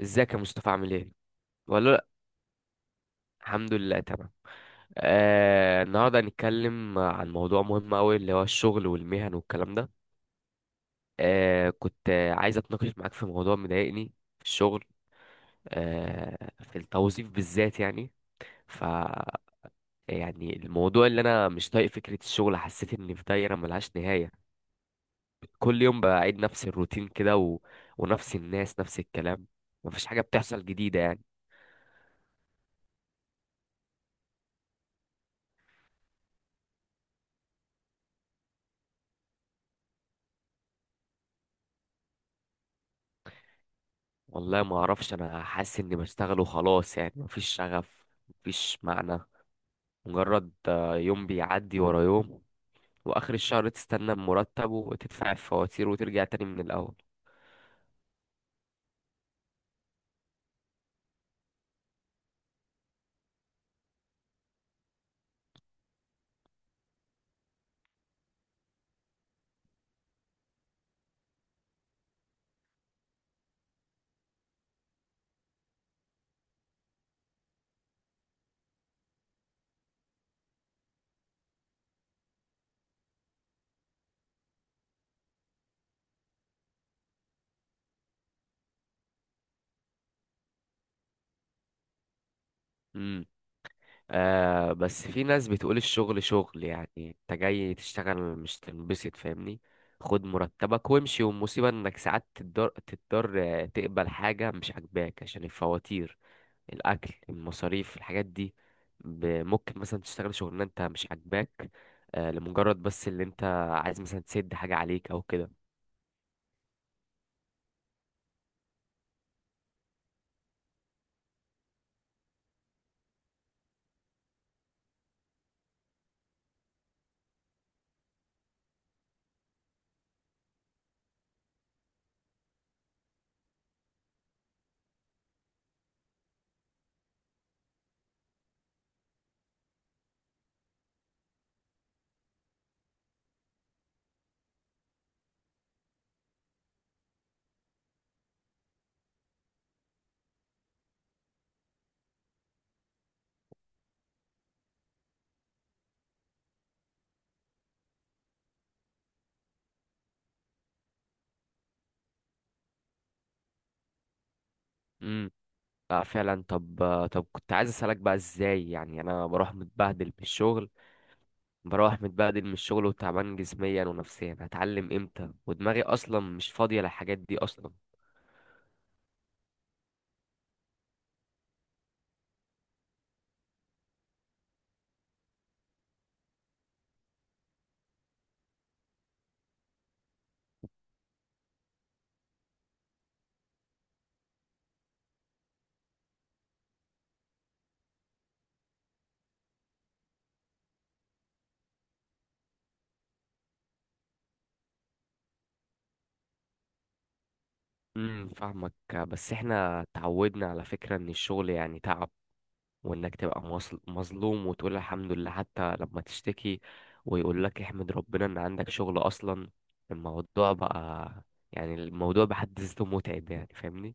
ازيك يا مصطفى؟ عامل ايه؟ ولا لا، الحمد لله تمام. النهارده هنتكلم عن موضوع مهم قوي، اللي هو الشغل والمهن والكلام ده. كنت عايز اتناقش معاك في موضوع مضايقني في الشغل، آه في التوظيف بالذات يعني. ف يعني الموضوع اللي انا مش طايق فكره الشغل، حسيت اني في دايره ملهاش نهايه. كل يوم بعيد نفس الروتين كده ونفس الناس نفس الكلام، مفيش حاجه بتحصل جديده يعني. والله ما اعرفش، انا حاسس اني بشتغل وخلاص، يعني مفيش شغف مفيش معنى، مجرد يوم بيعدي ورا يوم، واخر الشهر تستنى المرتب وتدفع الفواتير وترجع تاني من الاول. امم آه بس في ناس بتقول الشغل شغل، يعني انت جاي تشتغل مش تنبسط، فاهمني؟ خد مرتبك وامشي. والمصيبة انك ساعات تضطر، تقبل حاجة مش عاجباك عشان الفواتير، الاكل المصاريف الحاجات دي. ممكن مثلا تشتغل شغلانه انت مش عاجباك، لمجرد بس اللي انت عايز مثلا تسد حاجه عليك او كده. امم آه فعلا. طب طب كنت عايز اسالك بقى ازاي، يعني انا بروح متبهدل من الشغل، بروح متبهدل من الشغل وتعبان جسميا ونفسيا، هتعلم امتى ودماغي اصلا مش فاضيه للحاجات دي اصلا؟ فاهمك. بس احنا تعودنا على فكره ان الشغل يعني تعب، وانك تبقى مظلوم، وتقول الحمد لله. حتى لما تشتكي ويقول لك احمد ربنا ان عندك شغل اصلا، الموضوع بقى، يعني الموضوع بحد ذاته متعب يعني، فاهمني؟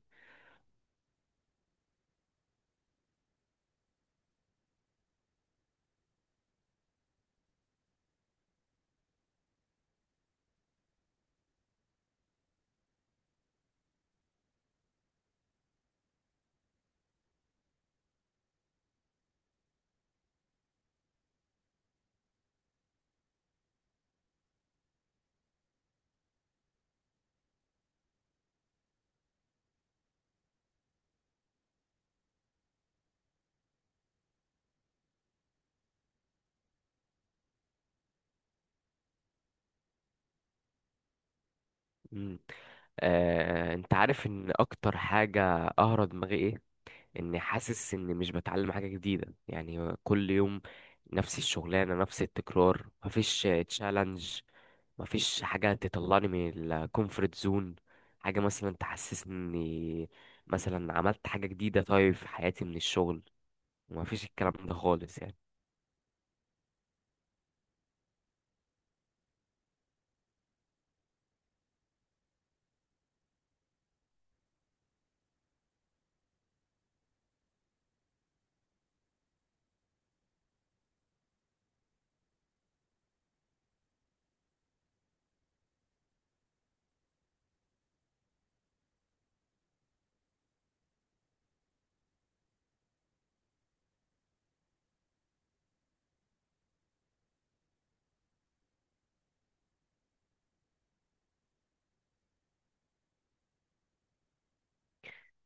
مم. آه، انت عارف ان اكتر حاجة قهرة دماغي ايه؟ اني حاسس اني مش بتعلم حاجة جديدة، يعني كل يوم نفس الشغلانة نفس التكرار، مفيش تشالنج، مفيش حاجة تطلعني من الكومفورت زون، حاجة مثلا تحسسني اني مثلا عملت حاجة جديدة طيب في حياتي من الشغل. مفيش الكلام ده خالص يعني.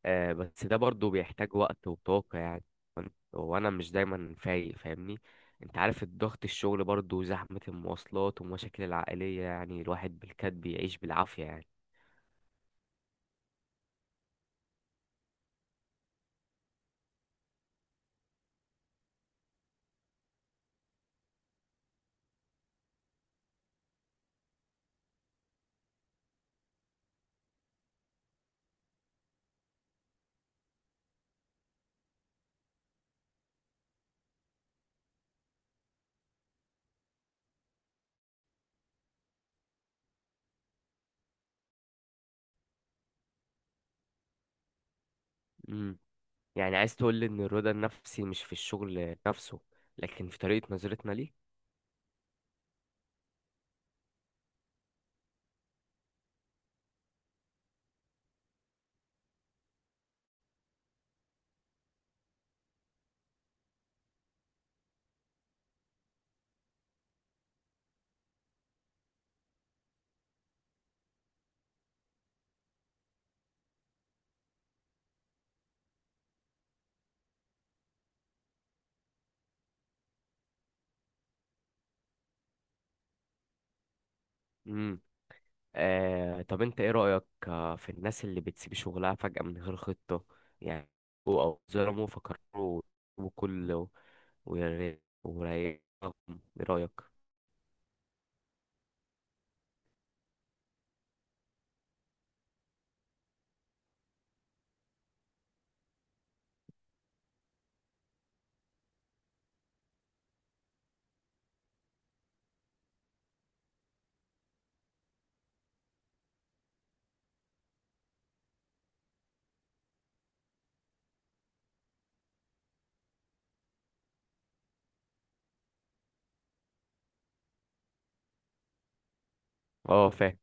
آه بس ده برضو بيحتاج وقت وطاقة يعني، وانا مش دايما فايق، فاهمني؟ انت عارف الضغط الشغل برضو، زحمة المواصلات ومشاكل العائلية، يعني الواحد بالكاد بيعيش بالعافية يعني. مم. يعني عايز تقول لي ان الرضا النفسي مش في الشغل نفسه، لكن في طريقة نظرتنا ليه؟ مم. آه طب انت ايه رأيك في الناس اللي بتسيب شغلها فجأة من غير خطة، يعني او أو ظلموا فكروا وكل ورايقهم، ايه رأيك؟ اه فاهم.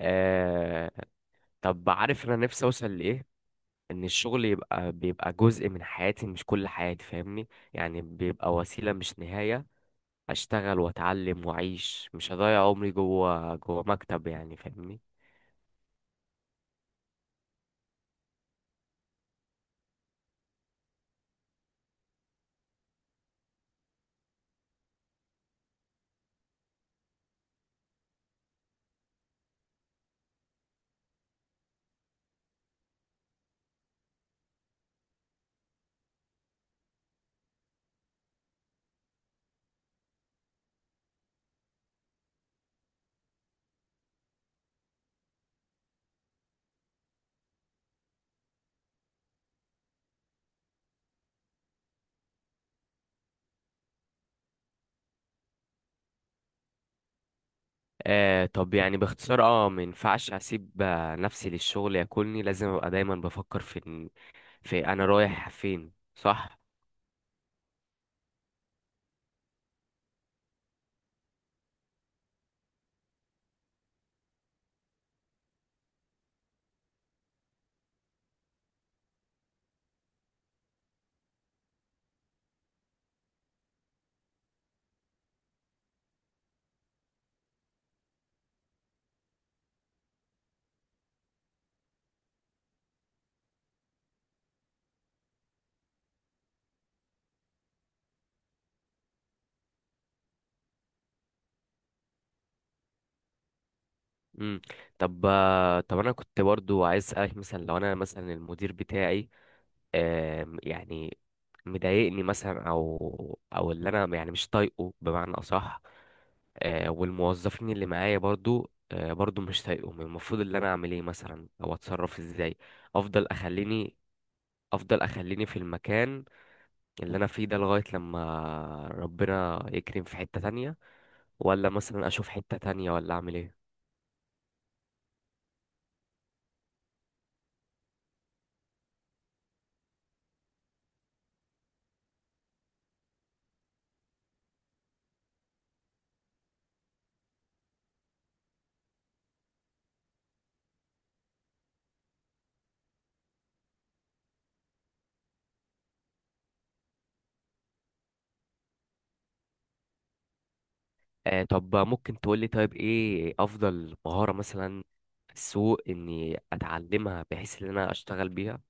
آه طب عارف انا نفسي اوصل لايه؟ ان الشغل يبقى بيبقى جزء من حياتي مش كل حياتي، فاهمني؟ يعني بيبقى وسيلة مش نهاية، اشتغل واتعلم واعيش، مش هضيع عمري جوه مكتب يعني، فاهمني؟ آه طب يعني باختصار اه، ما ينفعش اسيب نفسي للشغل ياكلني، لازم ابقى دايما بفكر في انا رايح فين، صح؟ امم طب طب انا كنت برضو عايز اسالك، مثلا لو انا مثلا المدير بتاعي يعني مضايقني مثلا، او او اللي انا يعني مش طايقه بمعنى اصح، والموظفين اللي معايا برضو برضو مش طايقهم، المفروض اللي انا اعمل ايه مثلا او اتصرف ازاي؟ افضل اخليني، افضل اخليني في المكان اللي انا فيه ده لغاية لما ربنا يكرم في حتة تانية، ولا مثلا اشوف حتة تانية، ولا اعمل ايه؟ آه طب ممكن تقولي، طيب ايه افضل مهارة مثلا في السوق اني اتعلمها بحيث ان انا اشتغل بيها؟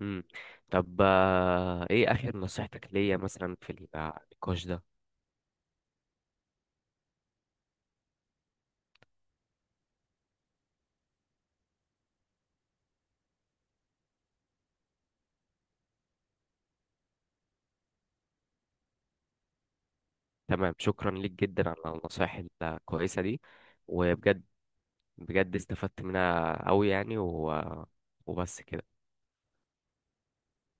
امم طب آه ايه اخر نصيحتك ليا مثلا في النقاش ده؟ تمام، شكرا ليك جدا على النصائح الكويسة دي. وبجد، بجد استفدت منها قوي يعني وبس كده.